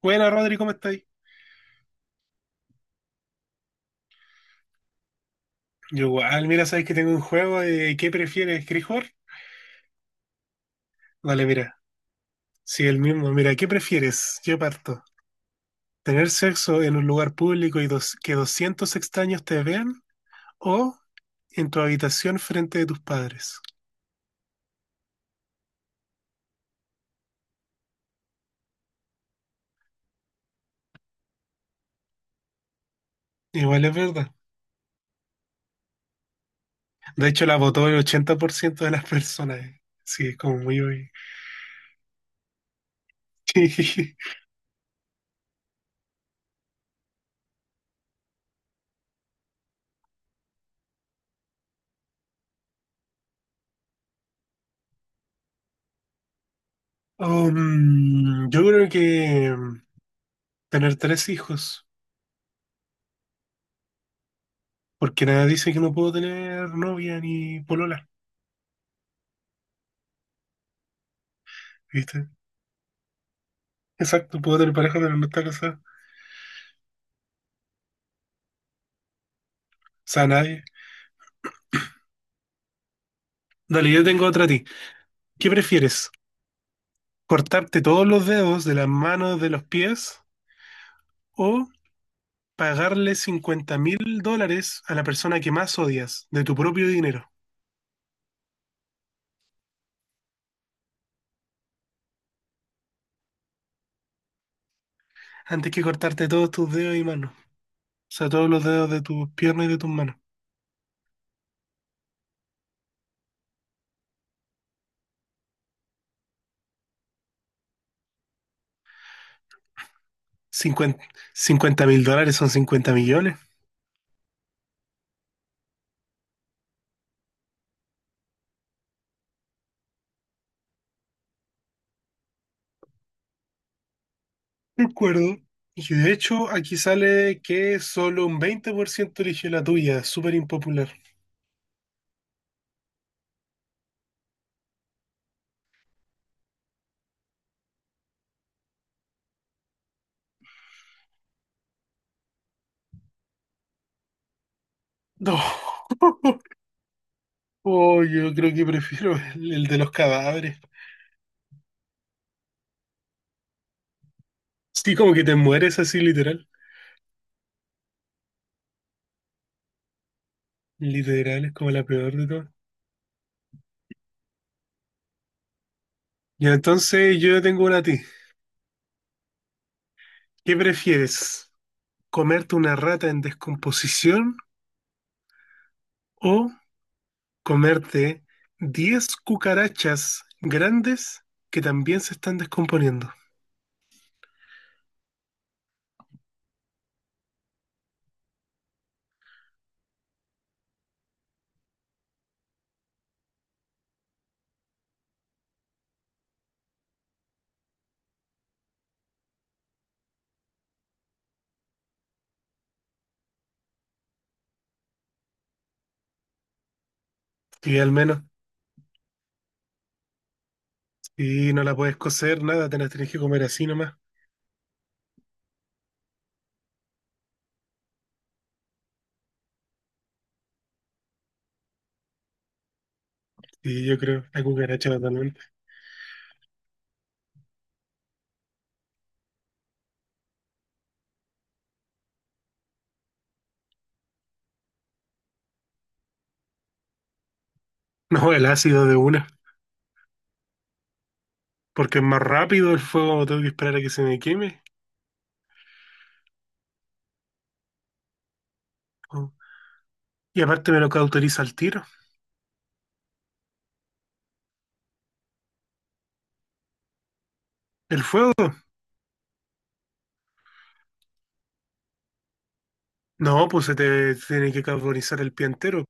Buena, Rodri, ¿cómo estáis? Yo igual, mira, sabes que tengo un juego de ¿qué prefieres? ¿Querés jugar? Vale, mira, sí, el mismo. Mira, ¿qué prefieres? Yo parto. ¿Tener sexo en un lugar público y 200 extraños te vean? ¿O en tu habitación frente de tus padres? Igual es verdad. De hecho, la votó el 80% de las personas. Sí, es como muy... yo creo que tener tres hijos, porque nada dice que no puedo tener novia ni polola, ¿viste? Exacto, puedo tener pareja, pero no está casada. O sea, nadie. Dale, yo tengo otra a ti. ¿Qué prefieres? ¿Cortarte todos los dedos de las manos, de los pies? ¿O pagarle $50.000 a la persona que más odias de tu propio dinero? Antes que cortarte todos tus dedos y manos. O sea, todos los dedos de tus piernas y de tus manos. $50.000 son 50 millones. De acuerdo. Y de hecho, aquí sale que solo un 20% eligió la tuya. Súper impopular. No. Oh, yo creo que prefiero el de los cadáveres. Sí, como que te mueres así, literal. Literal, es como la peor de todas. Y entonces yo tengo una a ti. ¿Qué prefieres? ¿Comerte una rata en descomposición o comerte 10 cucarachas grandes que también se están descomponiendo? Y al menos, si no la puedes cocer, nada, te las tienes que comer así nomás. Y yo creo, la cucaracha totalmente. No, el ácido de una. Porque es más rápido el fuego, tengo que esperar a que se me queme. Oh. Y aparte me lo cauteriza el tiro. ¿El fuego? No, pues se te tiene que cauterizar el pie entero.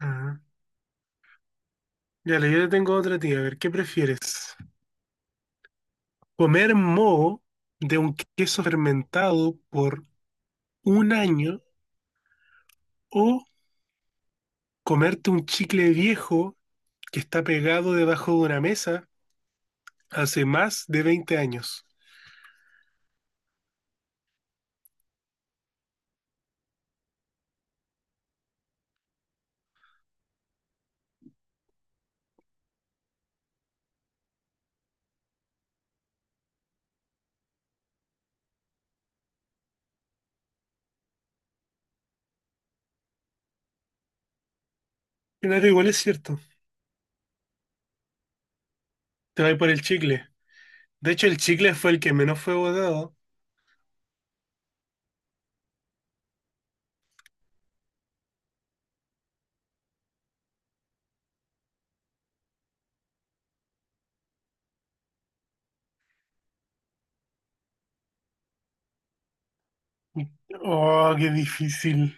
Ajá. Ya le yo te tengo otra tía. A ver, ¿qué prefieres? ¿Comer moho de un queso fermentado por un año o comerte un chicle viejo que está pegado debajo de una mesa hace más de 20 años? Claro, igual es cierto. Te vas por el chicle. De hecho, el chicle fue el que menos fue votado. Oh, qué difícil.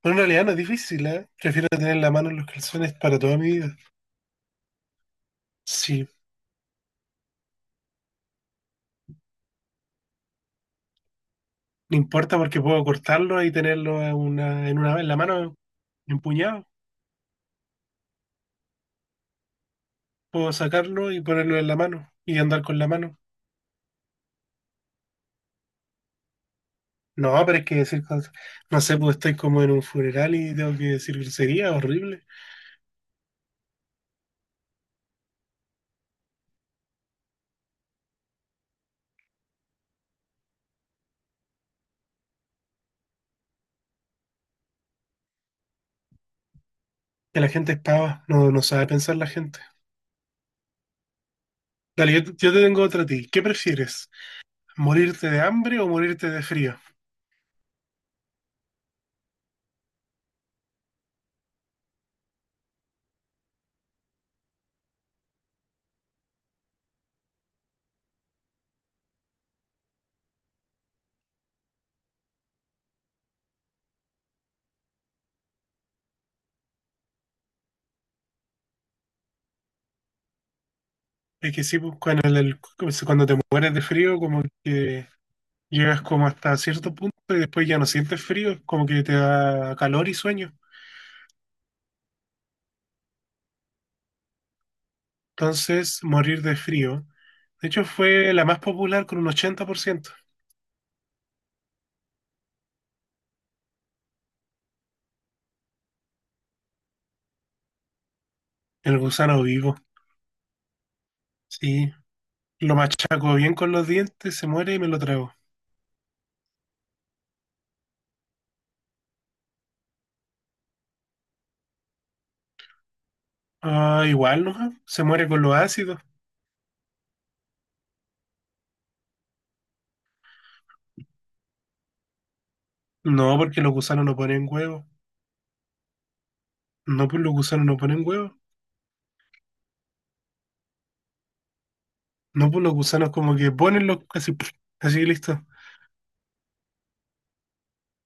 Pero en realidad no es difícil, ¿eh? Prefiero tener la mano en los calzones para toda mi vida. Sí, no importa porque puedo cortarlo y tenerlo en la mano, empuñado. Puedo sacarlo y ponerlo en la mano y andar con la mano. No, pero es que decir cosas. No sé, pues estoy como en un funeral y tengo que decir grosería, horrible. Que la gente es pava, no, no sabe pensar la gente. Dale, yo te tengo otra a ti. ¿Qué prefieres? ¿Morirte de hambre o morirte de frío? Es que sí, pues cuando, cuando te mueres de frío, como que llegas como hasta cierto punto y después ya no sientes frío, es como que te da calor y sueño. Entonces, morir de frío. De hecho, fue la más popular con un 80%. El gusano vivo. Sí, lo machaco bien con los dientes, se muere y me lo trago. Ah, igual, ¿no? Se muere con los ácidos. No, porque los gusanos no ponen huevos. No, pues los gusanos no ponen huevos. No, pues los gusanos como que ponen los... Así, así listo.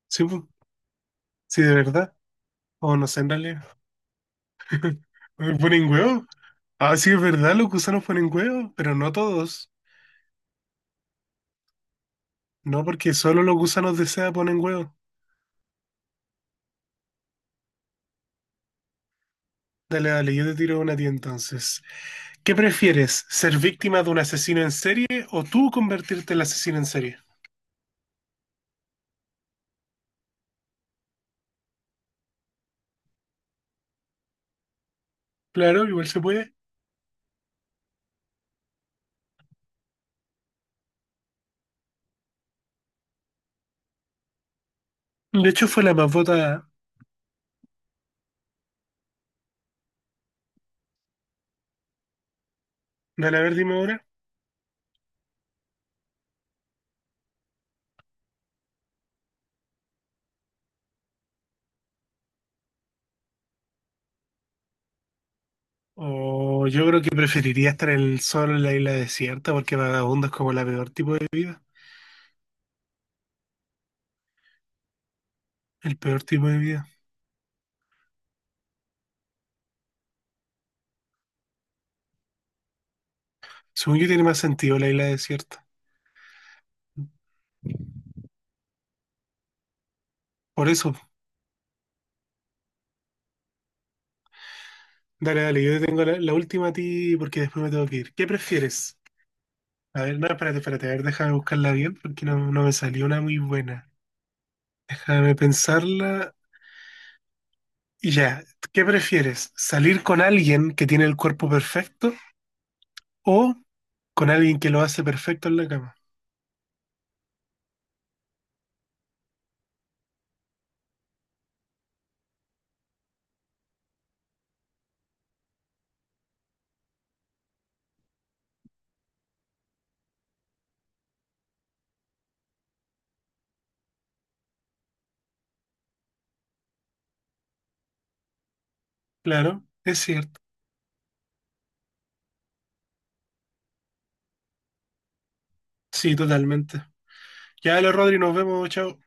Sí, pues, sí, de verdad. O no sé, en realidad. ¿Ponen huevos? Ah, sí, es verdad, los gusanos ponen huevos, pero no todos. No, porque solo los gusanos de seda ponen huevos. Dale, dale, yo te tiro una a ti entonces. ¿Qué prefieres, ser víctima de un asesino en serie o tú convertirte en el asesino en serie? Claro, igual se puede. De hecho, fue la más votada. Dale, a ver, dime ahora. O yo creo que preferiría estar en el sol en la isla desierta porque vagabundo es como la peor tipo de vida. El peor tipo de vida. Según yo tiene más sentido la isla desierta. Por eso, dale, dale, yo tengo la última a ti porque después me tengo que ir. ¿Qué prefieres? A ver, no, espérate, espérate, a ver, déjame buscarla bien porque no, no me salió una muy buena. Déjame pensarla. Y ya, ¿qué prefieres? ¿Salir con alguien que tiene el cuerpo perfecto o con alguien que lo hace perfecto en la cama? Claro, es cierto. Sí, totalmente. Ya, lo Rodri, nos vemos, chao.